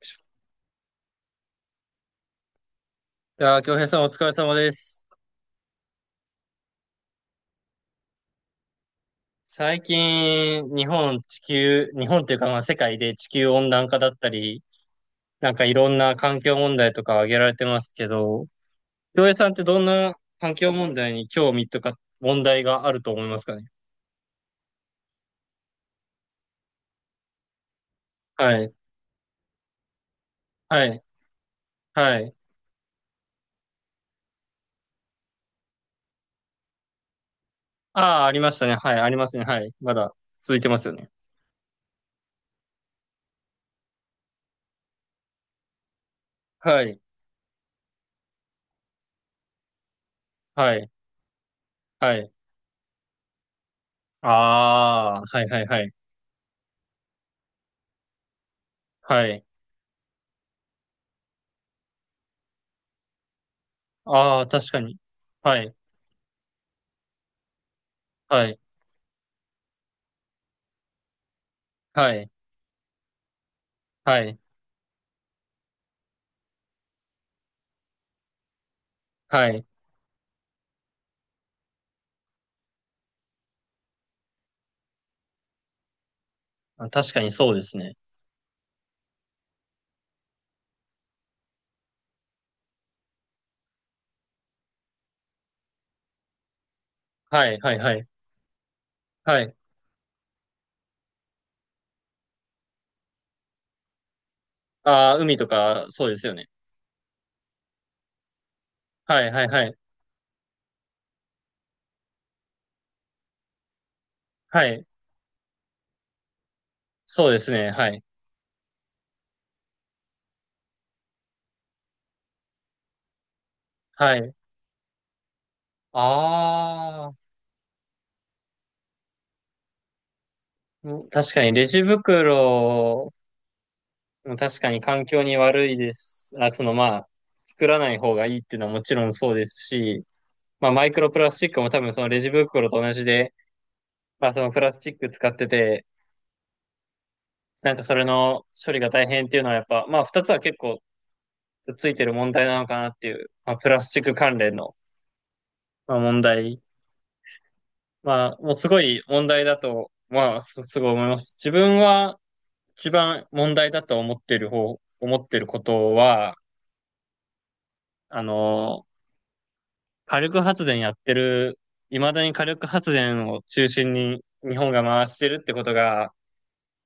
いやー、京平さんお疲れ様です。最近、日本、地球、日本っていうか、まあ、世界で地球温暖化だったり、なんかいろんな環境問題とか挙げられてますけど、京平さんってどんな環境問題に興味とか問題があると思いますかね。はい。はい。はい。ああ、ありましたね。はい。ありますね。はい。まだ続いてますよね。はい。はい。はい。ああ、はいはいはい。はい。ああ、確かに。はい。はい。はい。はい。はい。あ、確かにそうですね。はい、はい、はい。はい。ああ、海とか、そうですよね。はい、はい、はい。はい。そうですね。はい。はい。ああ、ん、確かにレジ袋も確かに環境に悪いです。あ、そのまあ、作らない方がいいっていうのはもちろんそうですし、まあマイクロプラスチックも多分そのレジ袋と同じで、まあそのプラスチック使ってて、なんかそれの処理が大変っていうのはやっぱ、まあ二つは結構ついてる問題なのかなっていう、まあプラスチック関連のまあ、問題。まあ、もうすごい問題だと、まあ、すごい思います。自分は一番問題だと思ってる方、思ってることは、あの、火力発電やってる、未だに火力発電を中心に日本が回してるってことが、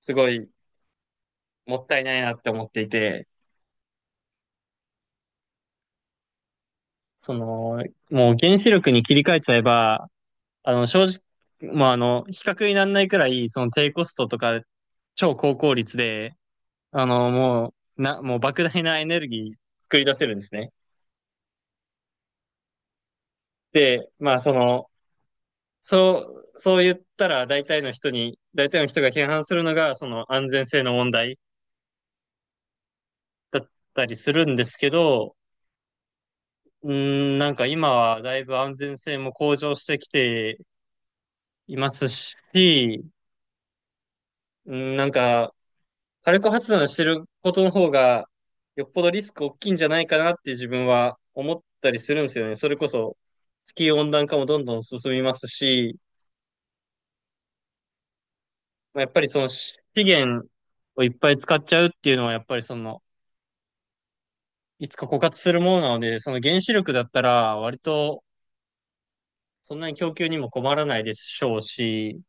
すごいもったいないなって思っていて、その、もう原子力に切り替えちゃえば、正直、まあ、比較にならないくらい、その低コストとか、超高効率で、もう莫大なエネルギー作り出せるんですね。で、まあ、その、そそう言ったら大体の人に、大体の人が批判するのが、その安全性の問題だったりするんですけど、うーん、なんか今はだいぶ安全性も向上してきていますし、うん、なんか火力発電してることの方が、よっぽどリスク大きいんじゃないかなって自分は思ったりするんですよね。それこそ、地球温暖化もどんどん進みますし、まあ、やっぱりその資源をいっぱい使っちゃうっていうのは、やっぱりその、いつか枯渇するものなので、その原子力だったら、割とそんなに供給にも困らないでしょうし、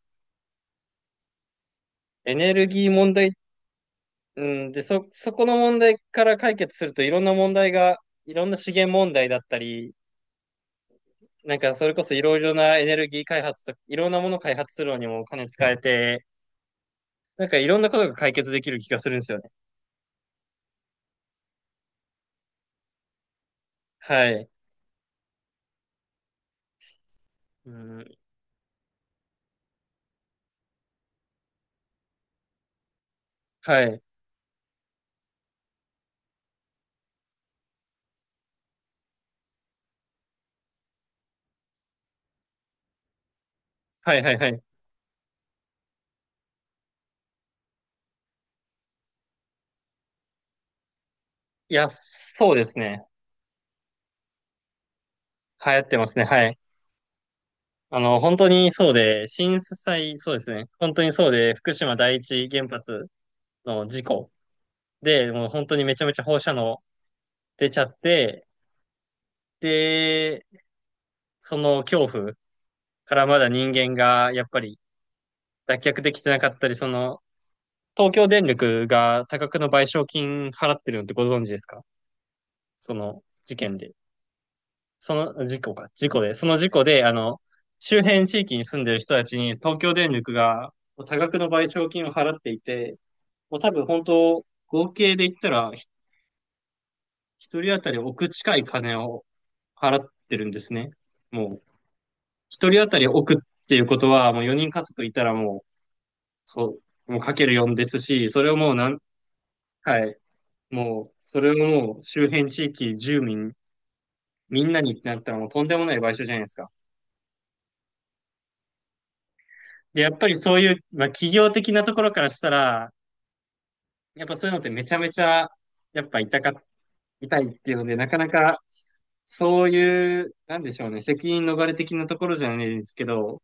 エネルギー問題、うん、で、そこの問題から解決するといろんな問題が、いろんな資源問題だったり、なんかそれこそいろいろなエネルギー開発といろんなもの開発するのにもお金使えて、なんかいろんなことが解決できる気がするんですよね。はい。うん、はい。はいはいはい。いや、そうですね。流行ってますね。はい。本当にそうで、震災、そうですね。本当にそうで、福島第一原発の事故で、もう本当にめちゃめちゃ放射能出ちゃって、で、その恐怖からまだ人間がやっぱり脱却できてなかったり、その東京電力が多額の賠償金払ってるのってご存知ですか、その事件で。その事故か。事故で。その事故で、周辺地域に住んでる人たちに東京電力が多額の賠償金を払っていて、もう多分本当、合計で言ったら、一人当たり億近い金を払ってるんですね。もう、一人当たり億っていうことは、もう4人家族いたらもう、そう、もうかける4ですし、それをもうなん、はい。もう、それをもう周辺地域、住民、みんなにってなったらもうとんでもない賠償じゃないですか。で、やっぱりそういう、まあ、企業的なところからしたら、やっぱそういうのってめちゃめちゃ、やっぱ痛か、痛いっていうので、なかなか、そういう、なんでしょうね、責任逃れ的なところじゃないですけど、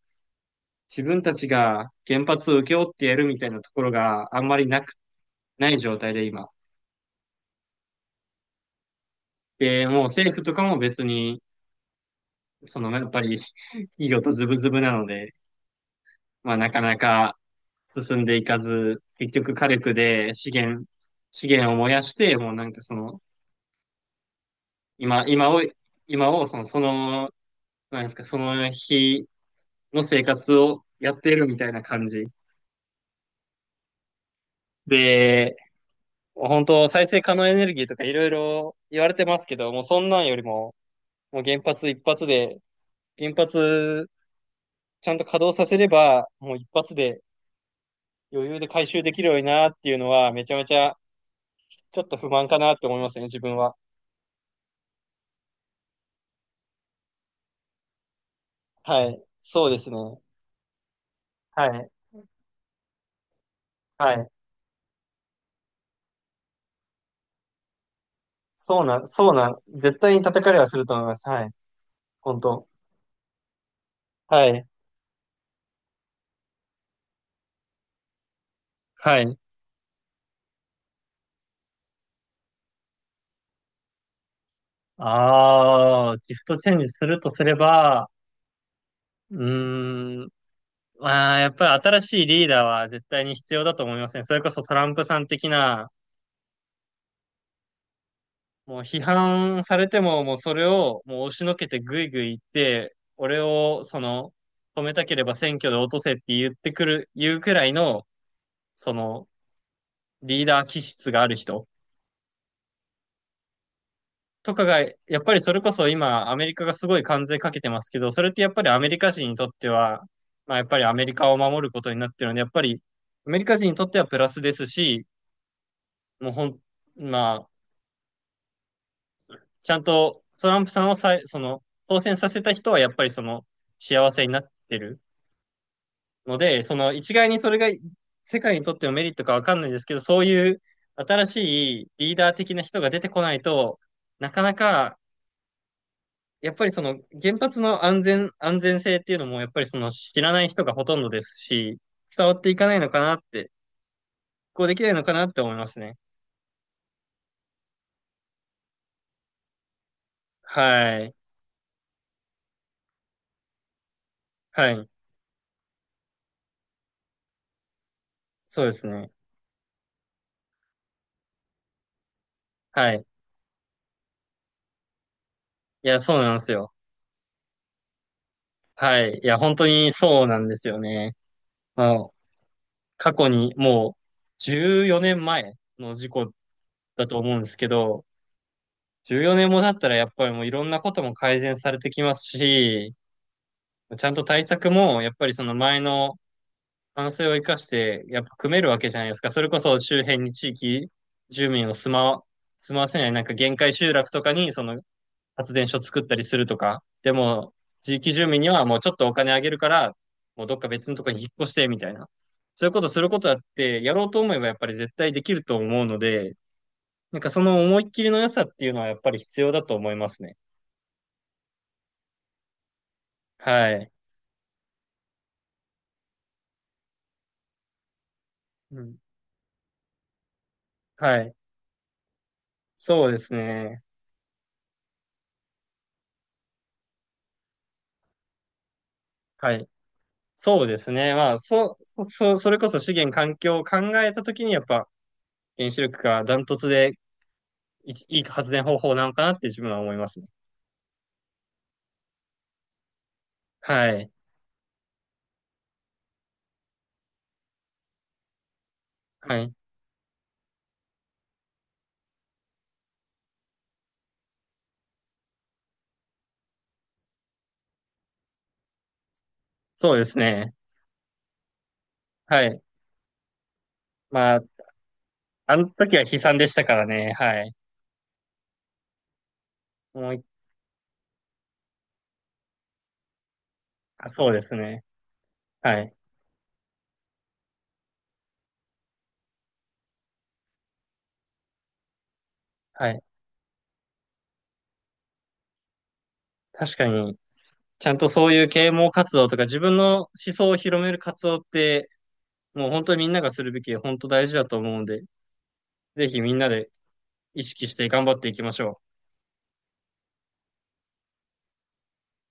自分たちが原発を請け負ってやるみたいなところがあんまりなく、ない状態で今。で、もう政府とかも別に、その、やっぱり、企業とズブズブなので、まあ、なかなか進んでいかず、結局火力で資源、資源を燃やして、もうなんかその、今、今を、今をその、その、なんですか、その日の生活をやっているみたいな感じ。で、本当再生可能エネルギーとかいろいろ言われてますけど、もうそんなんよりも、もう原発一発で、原発ちゃんと稼働させれば、もう一発で余裕で回収できるようになっていうのは、めちゃめちゃちょっと不満かなって思いますね、自分は。はい。そうですね。はい。はい。そうなん、そうなん、絶対に叩かれはすると思います。はい。本当。はい。はい。ああ、シフトチェンジするとすれば、うーん、まあ、やっぱり新しいリーダーは絶対に必要だと思いますね。それこそトランプさん的な、もう批判されても、もうそれをもう押しのけてぐいぐい言って、俺をその、止めたければ選挙で落とせって言ってくる、言うくらいの、その、リーダー気質がある人。とかが、やっぱりそれこそ今、アメリカがすごい関税かけてますけど、それってやっぱりアメリカ人にとっては、まあやっぱりアメリカを守ることになってるので、やっぱりアメリカ人にとってはプラスですし、もうほん、まあ、ちゃんとトランプさんをさい、その、当選させた人はやっぱりその、幸せになってるので、その一概にそれが世界にとってのメリットかわかんないですけど、そういう新しいリーダー的な人が出てこないと、なかなかやっぱりその原発の安全、安全性っていうのもやっぱりその知らない人がほとんどですし、伝わっていかないのかなって、こうできないのかなって思いますね。はい。はい。そうですね。はい。いや、そうなんですよ。はい。いや、本当にそうなんですよね。まあ、過去にもう14年前の事故だと思うんですけど、14年も経ったらやっぱりもういろんなことも改善されてきますし、ちゃんと対策もやっぱりその前の反省を生かして、やっぱ組めるわけじゃないですか。それこそ周辺に地域住民を住まわ、住まわせない、なんか限界集落とかにその発電所作ったりするとか。でも、地域住民にはもうちょっとお金あげるから、もうどっか別のとこに引っ越して、みたいな。そういうことすることだって、やろうと思えばやっぱり絶対できると思うので、なんかその思いっきりの良さっていうのはやっぱり必要だと思いますね。はい。うん、はい。そうですね。はい。そうですね。まあ、それこそ資源環境を考えたときに、やっぱ原子力がダントツでい発電方法なのかなって自分は思いますね。はい。はい。そうですね。はい。まあ、あの時は悲惨でしたからね。はい。もうい、あ、そうですね。はい。はい。確かに、ちゃんとそういう啓蒙活動とか自分の思想を広める活動って、もう本当にみんながするべき、本当大事だと思うんで、ぜひみんなで意識して頑張っていきましょう。